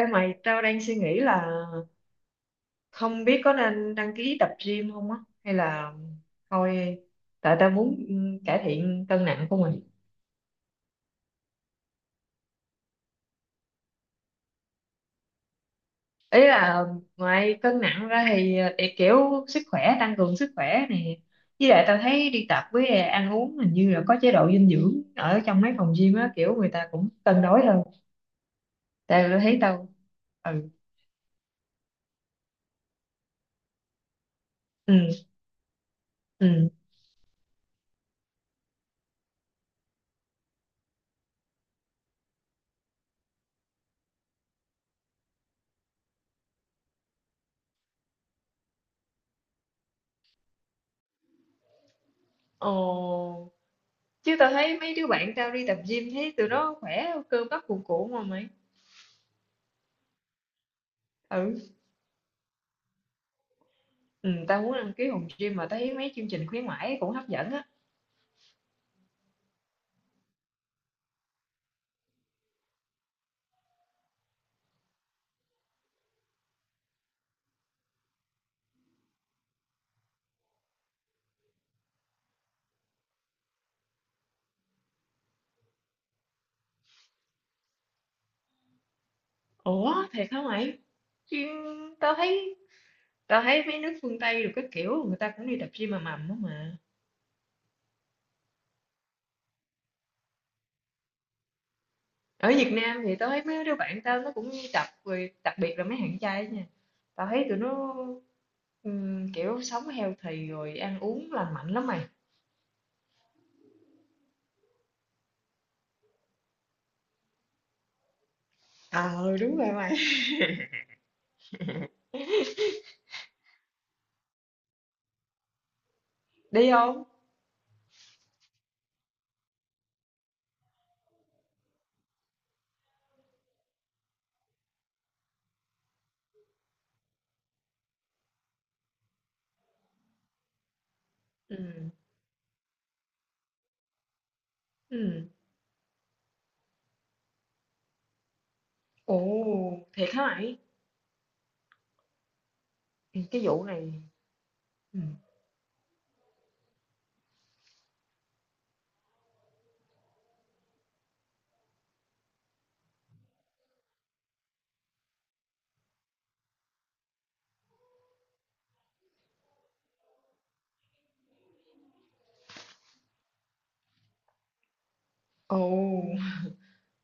Ê mày, tao đang suy nghĩ là không biết có nên đăng ký tập gym không á, hay là thôi, tại tao muốn cải thiện cân nặng của mình. Ý là ngoài cân nặng ra thì để kiểu sức khỏe, tăng cường sức khỏe này. Với lại tao thấy đi tập với ăn uống hình như là có chế độ dinh dưỡng ở trong mấy phòng gym á, kiểu người ta cũng cân đối hơn. Tại tao thấy tao, ừ, ừ, ừ. Ồ, chứ tao thấy mấy đứa bạn tao đi tập gym thấy tụi nó khỏe, cơ bắp cuồn cuộn mà mày. Ừ. Ừ, tao muốn đăng ký phòng gym mà tao thấy mấy chương trình khuyến mãi cũng hấp dẫn á. Ủa, thiệt hả mày? Gym, tao thấy tao thấy mấy nước phương Tây rồi các kiểu người ta cũng đi tập gym mà mầm đó mà. Ở Việt Nam thì tao thấy mấy đứa bạn tao nó cũng đi tập rồi, đặc biệt là mấy thằng trai á nha. Tao thấy tụi nó kiểu sống healthy rồi ăn uống lành mạnh lắm mày. Ờ đúng rồi mày. Đi không? Ừ. Ừ. Ồ, thiệt hả mày? Ừ, cái vụ này. Ừ. Ồ.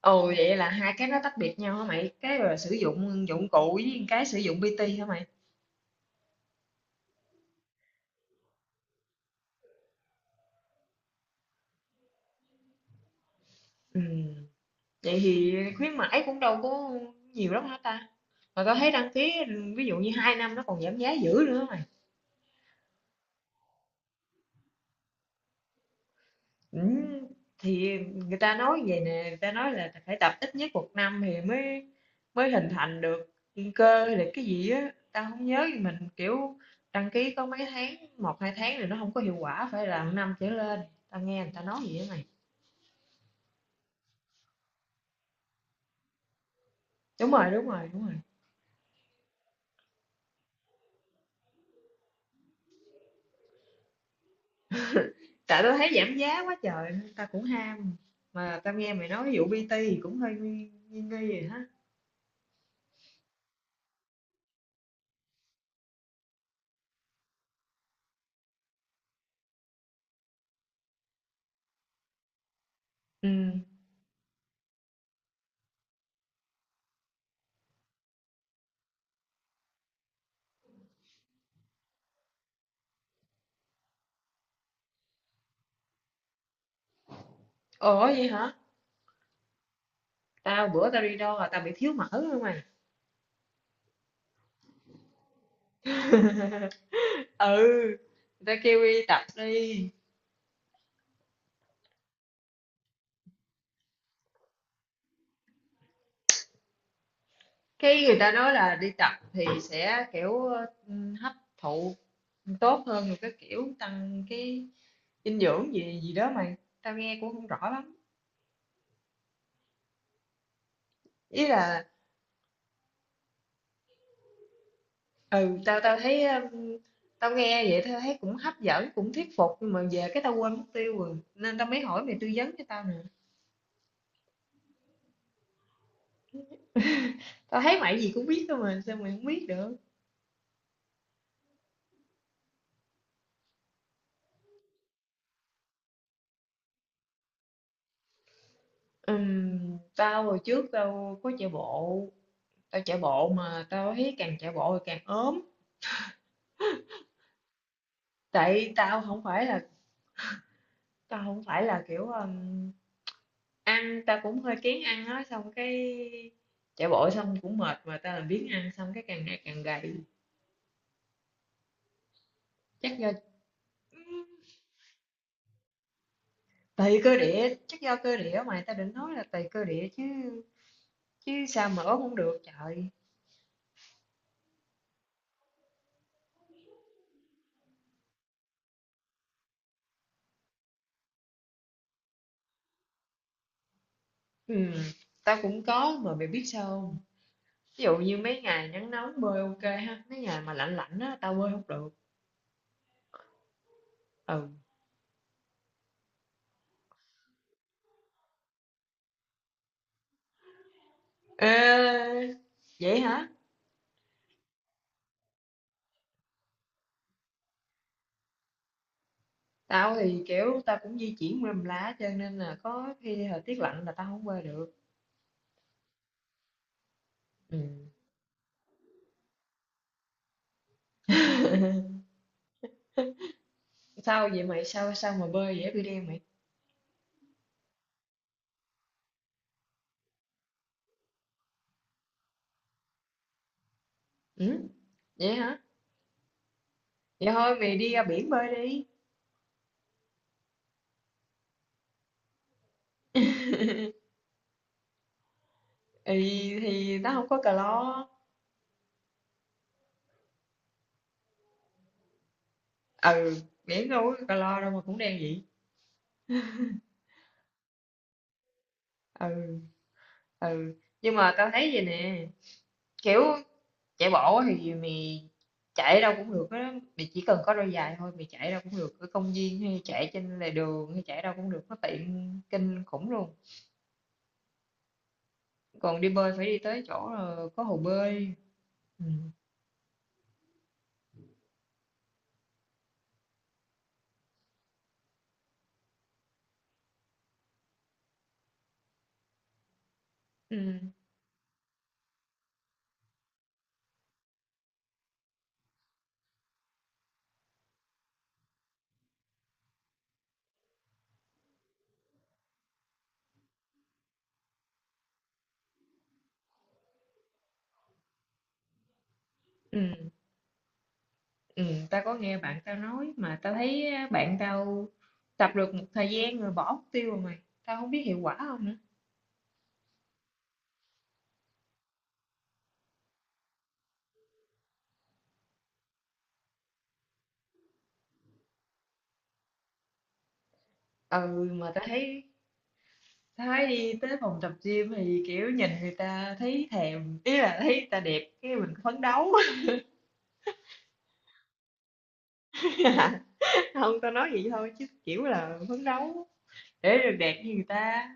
Ồ vậy là hai cái nó tách biệt nhau hả mày? Cái là sử dụng dụng cụ với cái sử dụng PT hả mày? Ừ. Vậy thì khuyến mãi cũng đâu có nhiều lắm hả ta? Mà tao thấy đăng ký ví dụ như hai năm nó còn giảm giá dữ nữa hả mày. Ừ. Thì người ta nói vậy nè, người ta nói là phải tập ít nhất một năm thì mới mới hình thành được cơ hay là cái gì á, tao không nhớ nhưng mình kiểu đăng ký có mấy tháng, một hai tháng thì nó không có hiệu quả phải là một năm trở lên. Tao nghe người ta nói vậy á mày. Đúng rồi, đúng rồi, đúng rồi. Tại tao thấy giảm giá quá trời nên tao cũng ham, mà tao nghe mày nói vụ PT thì cũng hơi nghi nghi nghi rồi hả. Ừ. Ủa, vậy hả? Tao bữa tao đi đo là tao bị thiếu mỡ luôn mày. Ừ. Người ta kêu đi tập đi, cái người ta nói là đi tập thì sẽ kiểu hấp thụ tốt hơn rồi cái kiểu tăng cái dinh dưỡng gì gì đó mày, tao nghe cũng không rõ lắm. Ý là ừ tao tao thấy tao nghe vậy tao thấy cũng hấp dẫn cũng thuyết phục nhưng mà về cái tao quên mất tiêu rồi nên tao mới hỏi mày tư vấn cho tao nè. Tao thấy mày gì cũng biết thôi mà sao mày không biết được. Tao hồi trước tao có chạy bộ, mà tao thấy càng chạy bộ thì càng ốm. Tại tao không phải là kiểu ăn tao cũng hơi kén ăn á, xong cái chạy bộ xong cũng mệt mà tao làm biếng ăn xong cái càng ngày càng gầy. chắc do chắc do cơ địa, mà tao định nói là tùy cơ địa chứ chứ sao mà ốm không được trời. Ừ, tao cũng có mà mày biết sao không. Ví dụ như mấy ngày nắng nóng bơi ok ha, mấy ngày mà lạnh lạnh á tao bơi không được. Ừ. Ê, vậy hả? Tao thì kiểu tao cũng di chuyển mềm lá cho nên là có khi thời tiết lạnh là tao không bơi được. Ừ. Sao vậy mày, sao sao mà bơi dễ bị đen mày? Ừ? Vậy hả? Vậy thôi mày đi ra biển bơi đi, thì nó không có clo. Ừ, miễn đâu có calo đâu mà cũng đen vậy. Ừ. Ừ. Nhưng mà tao thấy vậy nè, kiểu chạy bộ thì mày chạy đâu cũng được á mày, chỉ cần có đôi giày thôi mày chạy đâu cũng được, ở công viên hay chạy trên lề đường hay chạy đâu cũng được, nó tiện kinh khủng luôn. Còn đi bơi phải đi tới chỗ có hồ bơi. Ừ. Ừ. Ừ. Ừ. Tao có nghe bạn tao nói mà tao thấy á, bạn tao tập được một thời gian rồi bỏ mục tiêu rồi mày, tao không biết hiệu quả không nữa. Ừ, mà tao thấy Thái đi tới phòng tập gym thì kiểu nhìn người ta thấy thèm, ý là thấy người ta đẹp cái mình phấn đấu. Không tao nói vậy thôi chứ kiểu là phấn đấu để được đẹp như người ta.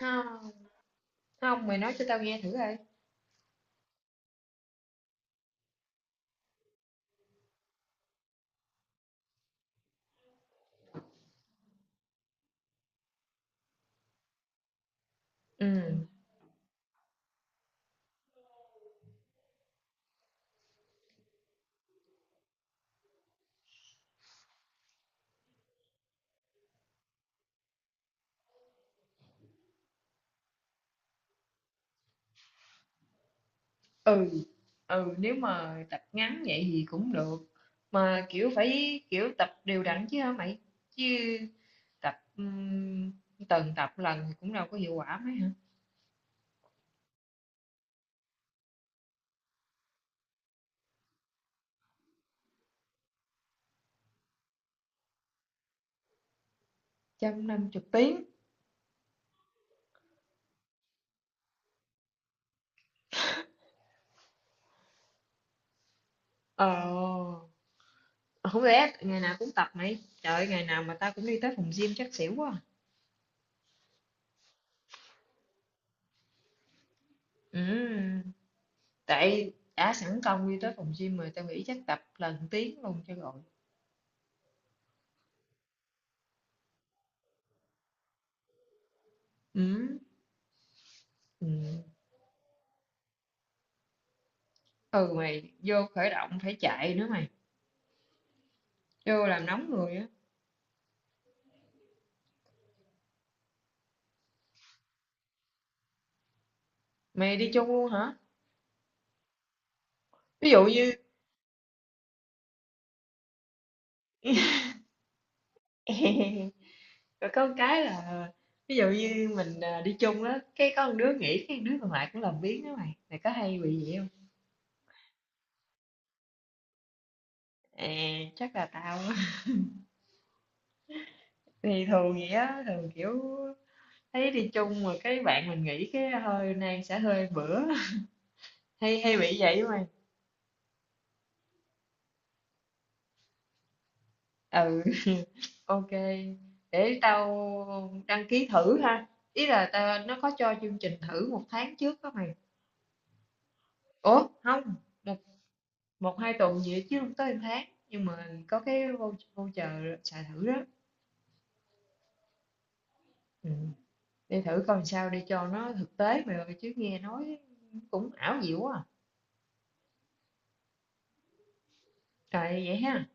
Không, không, mày nói cho tao nghe thử coi. Ừ. Ừ. Ừ, nếu mà tập ngắn vậy thì cũng được, mà kiểu phải kiểu tập đều đặn chứ hả mày, chứ tập tuần tập lần thì cũng đâu có hiệu quả mấy hả. Trăm năm chục tiếng? Ờ. Không lẽ ngày nào cũng tập mày? Trời ơi, ngày nào mà tao cũng đi tới phòng gym chắc xỉu quá à. Ừ, tại đã sẵn công đi tới phòng gym rồi tao nghĩ chắc tập lần tiếng luôn cho rồi. Ừ, ừ. Ừ mày vô khởi động phải chạy nữa mày. Vô làm nóng người á. Mày đi chung luôn hả? Ví dụ như rồi có một cái là ví dụ như mình à, đi chung đó, cái có một đứa nghỉ cái đứa còn lại cũng làm biếng đó mày. Mày có hay bị vậy không? À, chắc là tao á. Thì thường vậy á, thường kiểu thấy đi chung mà cái bạn mình nghĩ cái hơi Nam sẽ hơi bữa. hay hay bị vậy mà. Ừ. Ok, để tao đăng ký thử ha. Ý là tao, nó có cho chương trình thử một tháng trước đó mày. Ủa không, một một hai tuần gì đó chứ không tới một tháng, nhưng mà có cái voucher xài thử đó. Ừ. Đi thử coi sao để cho nó thực tế mày ơi, chứ nghe nói cũng ảo diệu quá à. Trời vậy ha.